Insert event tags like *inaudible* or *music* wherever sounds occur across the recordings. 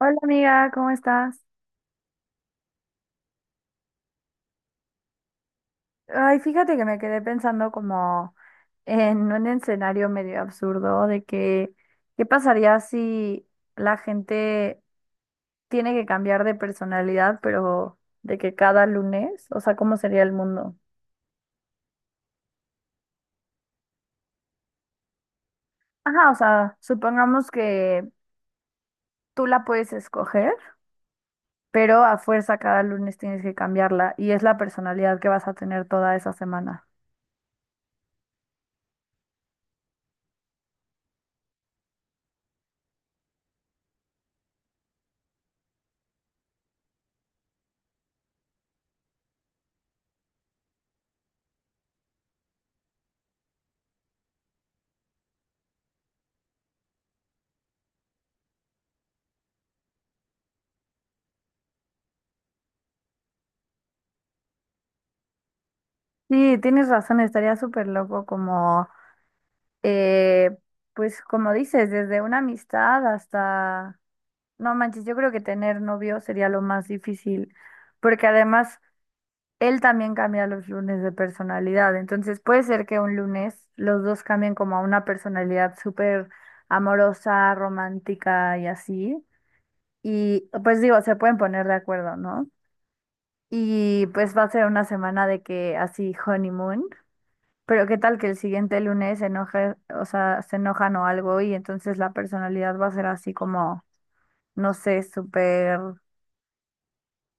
Hola amiga, ¿cómo estás? Ay, fíjate que me quedé pensando como en un escenario medio absurdo de que, ¿qué pasaría si la gente tiene que cambiar de personalidad, pero de que cada lunes? O sea, ¿cómo sería el mundo? Ajá, o sea, supongamos que tú la puedes escoger, pero a fuerza cada lunes tienes que cambiarla y es la personalidad que vas a tener toda esa semana. Sí, tienes razón, estaría súper loco como... Eh, pues como dices, desde una amistad hasta, no manches, yo creo que tener novio sería lo más difícil, porque además él también cambia los lunes de personalidad, entonces puede ser que un lunes los dos cambien como a una personalidad súper amorosa, romántica y así, y pues digo, se pueden poner de acuerdo, ¿no? Y pues va a ser una semana de que así honeymoon. Pero qué tal que el siguiente lunes se enoje, o sea, se enojan o algo y entonces la personalidad va a ser así como, no sé, súper,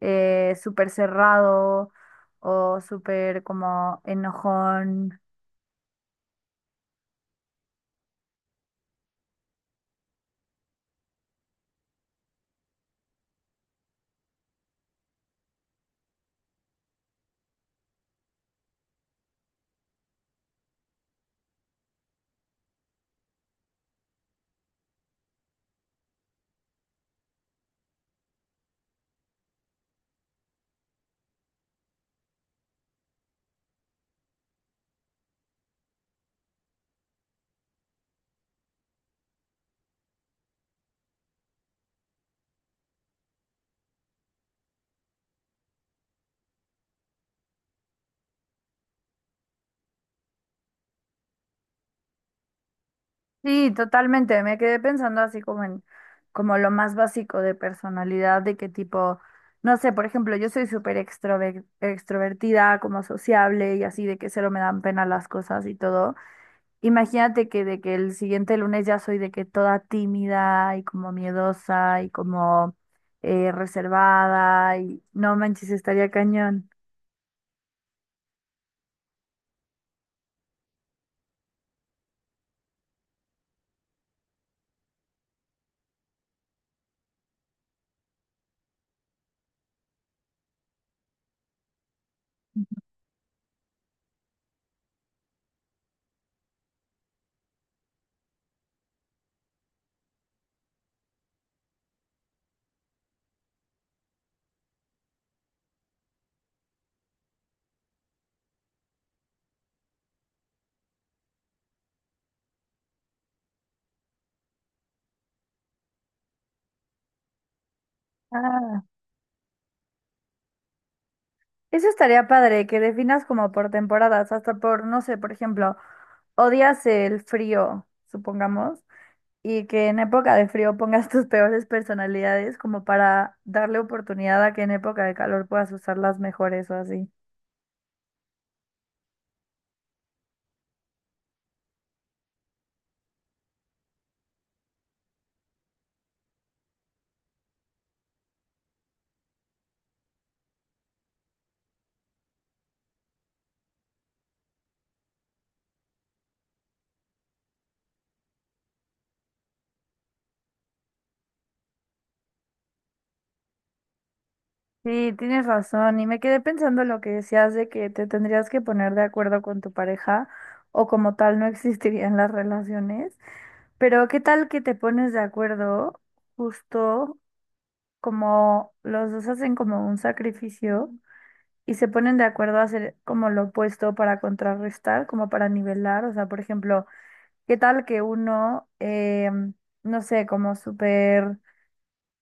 súper cerrado o súper como enojón. Sí, totalmente. Me quedé pensando así como en, como lo más básico de personalidad, de qué tipo, no sé, por ejemplo, yo soy súper extrovertida, como sociable y así, de que cero me dan pena las cosas y todo. Imagínate que de que el siguiente lunes ya soy de que toda tímida y como miedosa y como reservada y no manches, estaría cañón. Ah, eso estaría padre, que definas como por temporadas, hasta por, no sé, por ejemplo, odias el frío, supongamos, y que en época de frío pongas *laughs* tus peores personalidades como para darle oportunidad a que en época de calor puedas usar las mejores o así. Sí, tienes razón. Y me quedé pensando lo que decías de que te tendrías que poner de acuerdo con tu pareja o como tal no existirían las relaciones. Pero ¿qué tal que te pones de acuerdo justo como los dos hacen como un sacrificio y se ponen de acuerdo a hacer como lo opuesto para contrarrestar, como para nivelar? O sea, por ejemplo, ¿qué tal que uno, no sé, como súper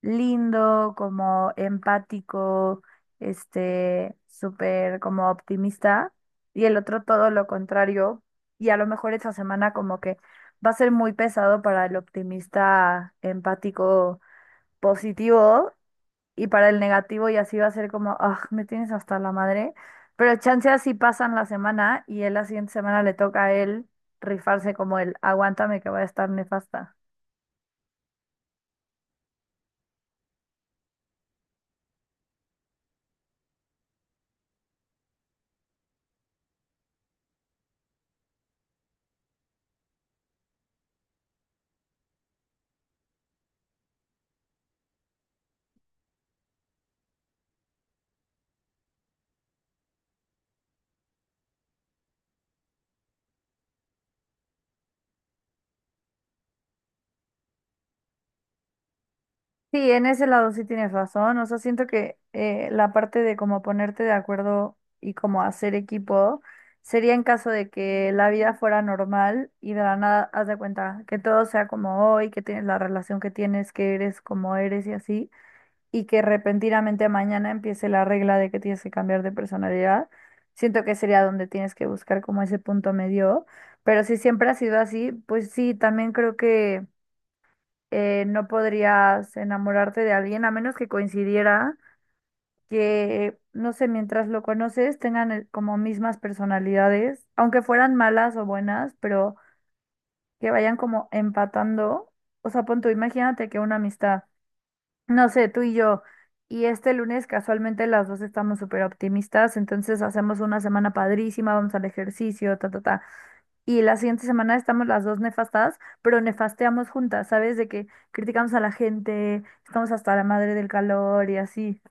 lindo, como empático, este, súper como optimista, y el otro todo lo contrario, y a lo mejor esta semana como que va a ser muy pesado para el optimista empático positivo, y para el negativo y así va a ser como, ah, me tienes hasta la madre, pero chance así pasan la semana y él la siguiente semana le toca a él rifarse como el, aguántame que va a estar nefasta. Sí, en ese lado sí tienes razón. O sea, siento que la parte de como ponerte de acuerdo y como hacer equipo sería en caso de que la vida fuera normal y de la nada haz de cuenta que todo sea como hoy, que tienes la relación que tienes, que eres como eres y así, y que repentinamente mañana empiece la regla de que tienes que cambiar de personalidad. Siento que sería donde tienes que buscar como ese punto medio. Pero si siempre ha sido así, pues sí, también creo que no podrías enamorarte de alguien a menos que coincidiera que, no sé, mientras lo conoces tengan como mismas personalidades, aunque fueran malas o buenas, pero que vayan como empatando. O sea, pon tú, imagínate que una amistad, no sé, tú y yo, y este lunes casualmente las dos estamos súper optimistas, entonces hacemos una semana padrísima, vamos al ejercicio, ta, ta, ta y la siguiente semana estamos las dos nefastadas, pero nefasteamos juntas, ¿sabes? De que criticamos a la gente, estamos hasta la madre del calor y así.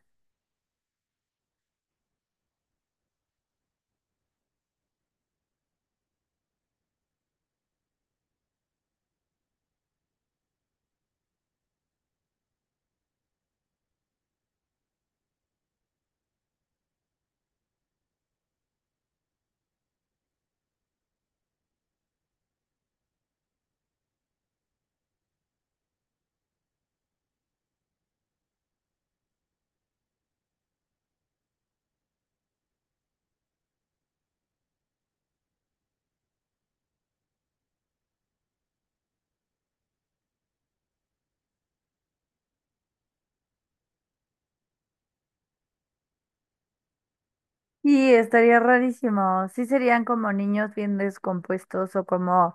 Y estaría rarísimo. Sí, serían como niños bien descompuestos o como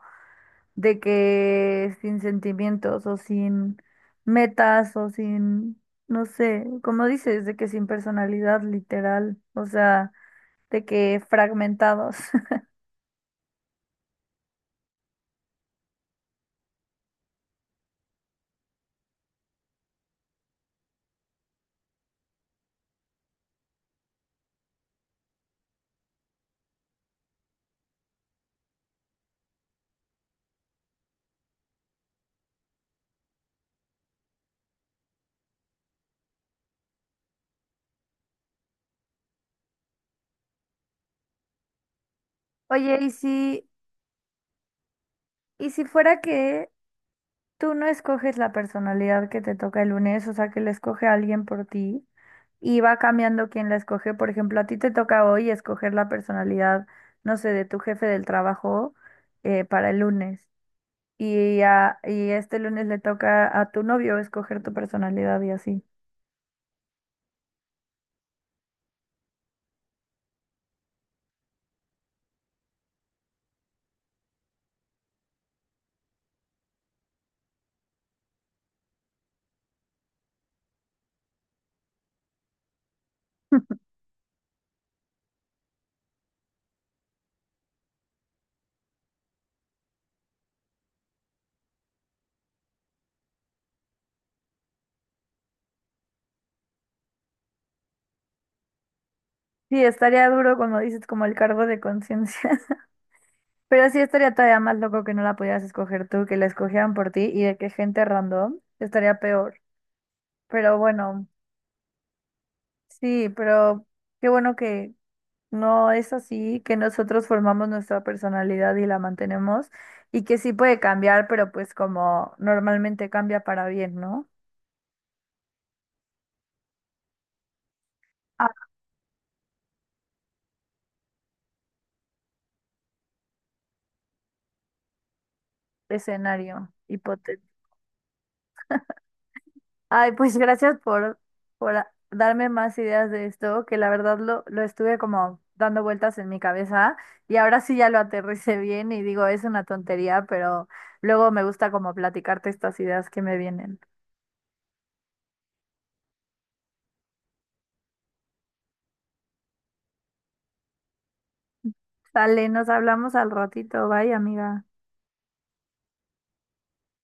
de que sin sentimientos o sin metas o sin, no sé, como dices, de que sin personalidad literal, o sea, de que fragmentados. *laughs* Oye, ¿y si fuera que tú no escoges la personalidad que te toca el lunes, o sea, que la escoge alguien por ti y va cambiando quién la escoge. Por ejemplo, a ti te toca hoy escoger la personalidad, no sé, de tu jefe del trabajo para el lunes. Y este lunes le toca a tu novio escoger tu personalidad y así. *laughs* Sí, estaría duro, como dices, como el cargo de conciencia. *laughs* Pero sí estaría todavía más loco que no la pudieras escoger tú, que la escogieran por ti y de que gente random estaría peor. Pero bueno. Sí, pero qué bueno que no es así, que nosotros formamos nuestra personalidad y la mantenemos y que sí puede cambiar, pero pues como normalmente cambia para bien, ¿no? Ah, escenario hipotético. Ay, pues gracias por darme más ideas de esto, que la verdad lo estuve como dando vueltas en mi cabeza y ahora sí ya lo aterricé bien y digo, es una tontería, pero luego me gusta como platicarte estas ideas que me vienen. Dale, nos hablamos al ratito. Bye, amiga.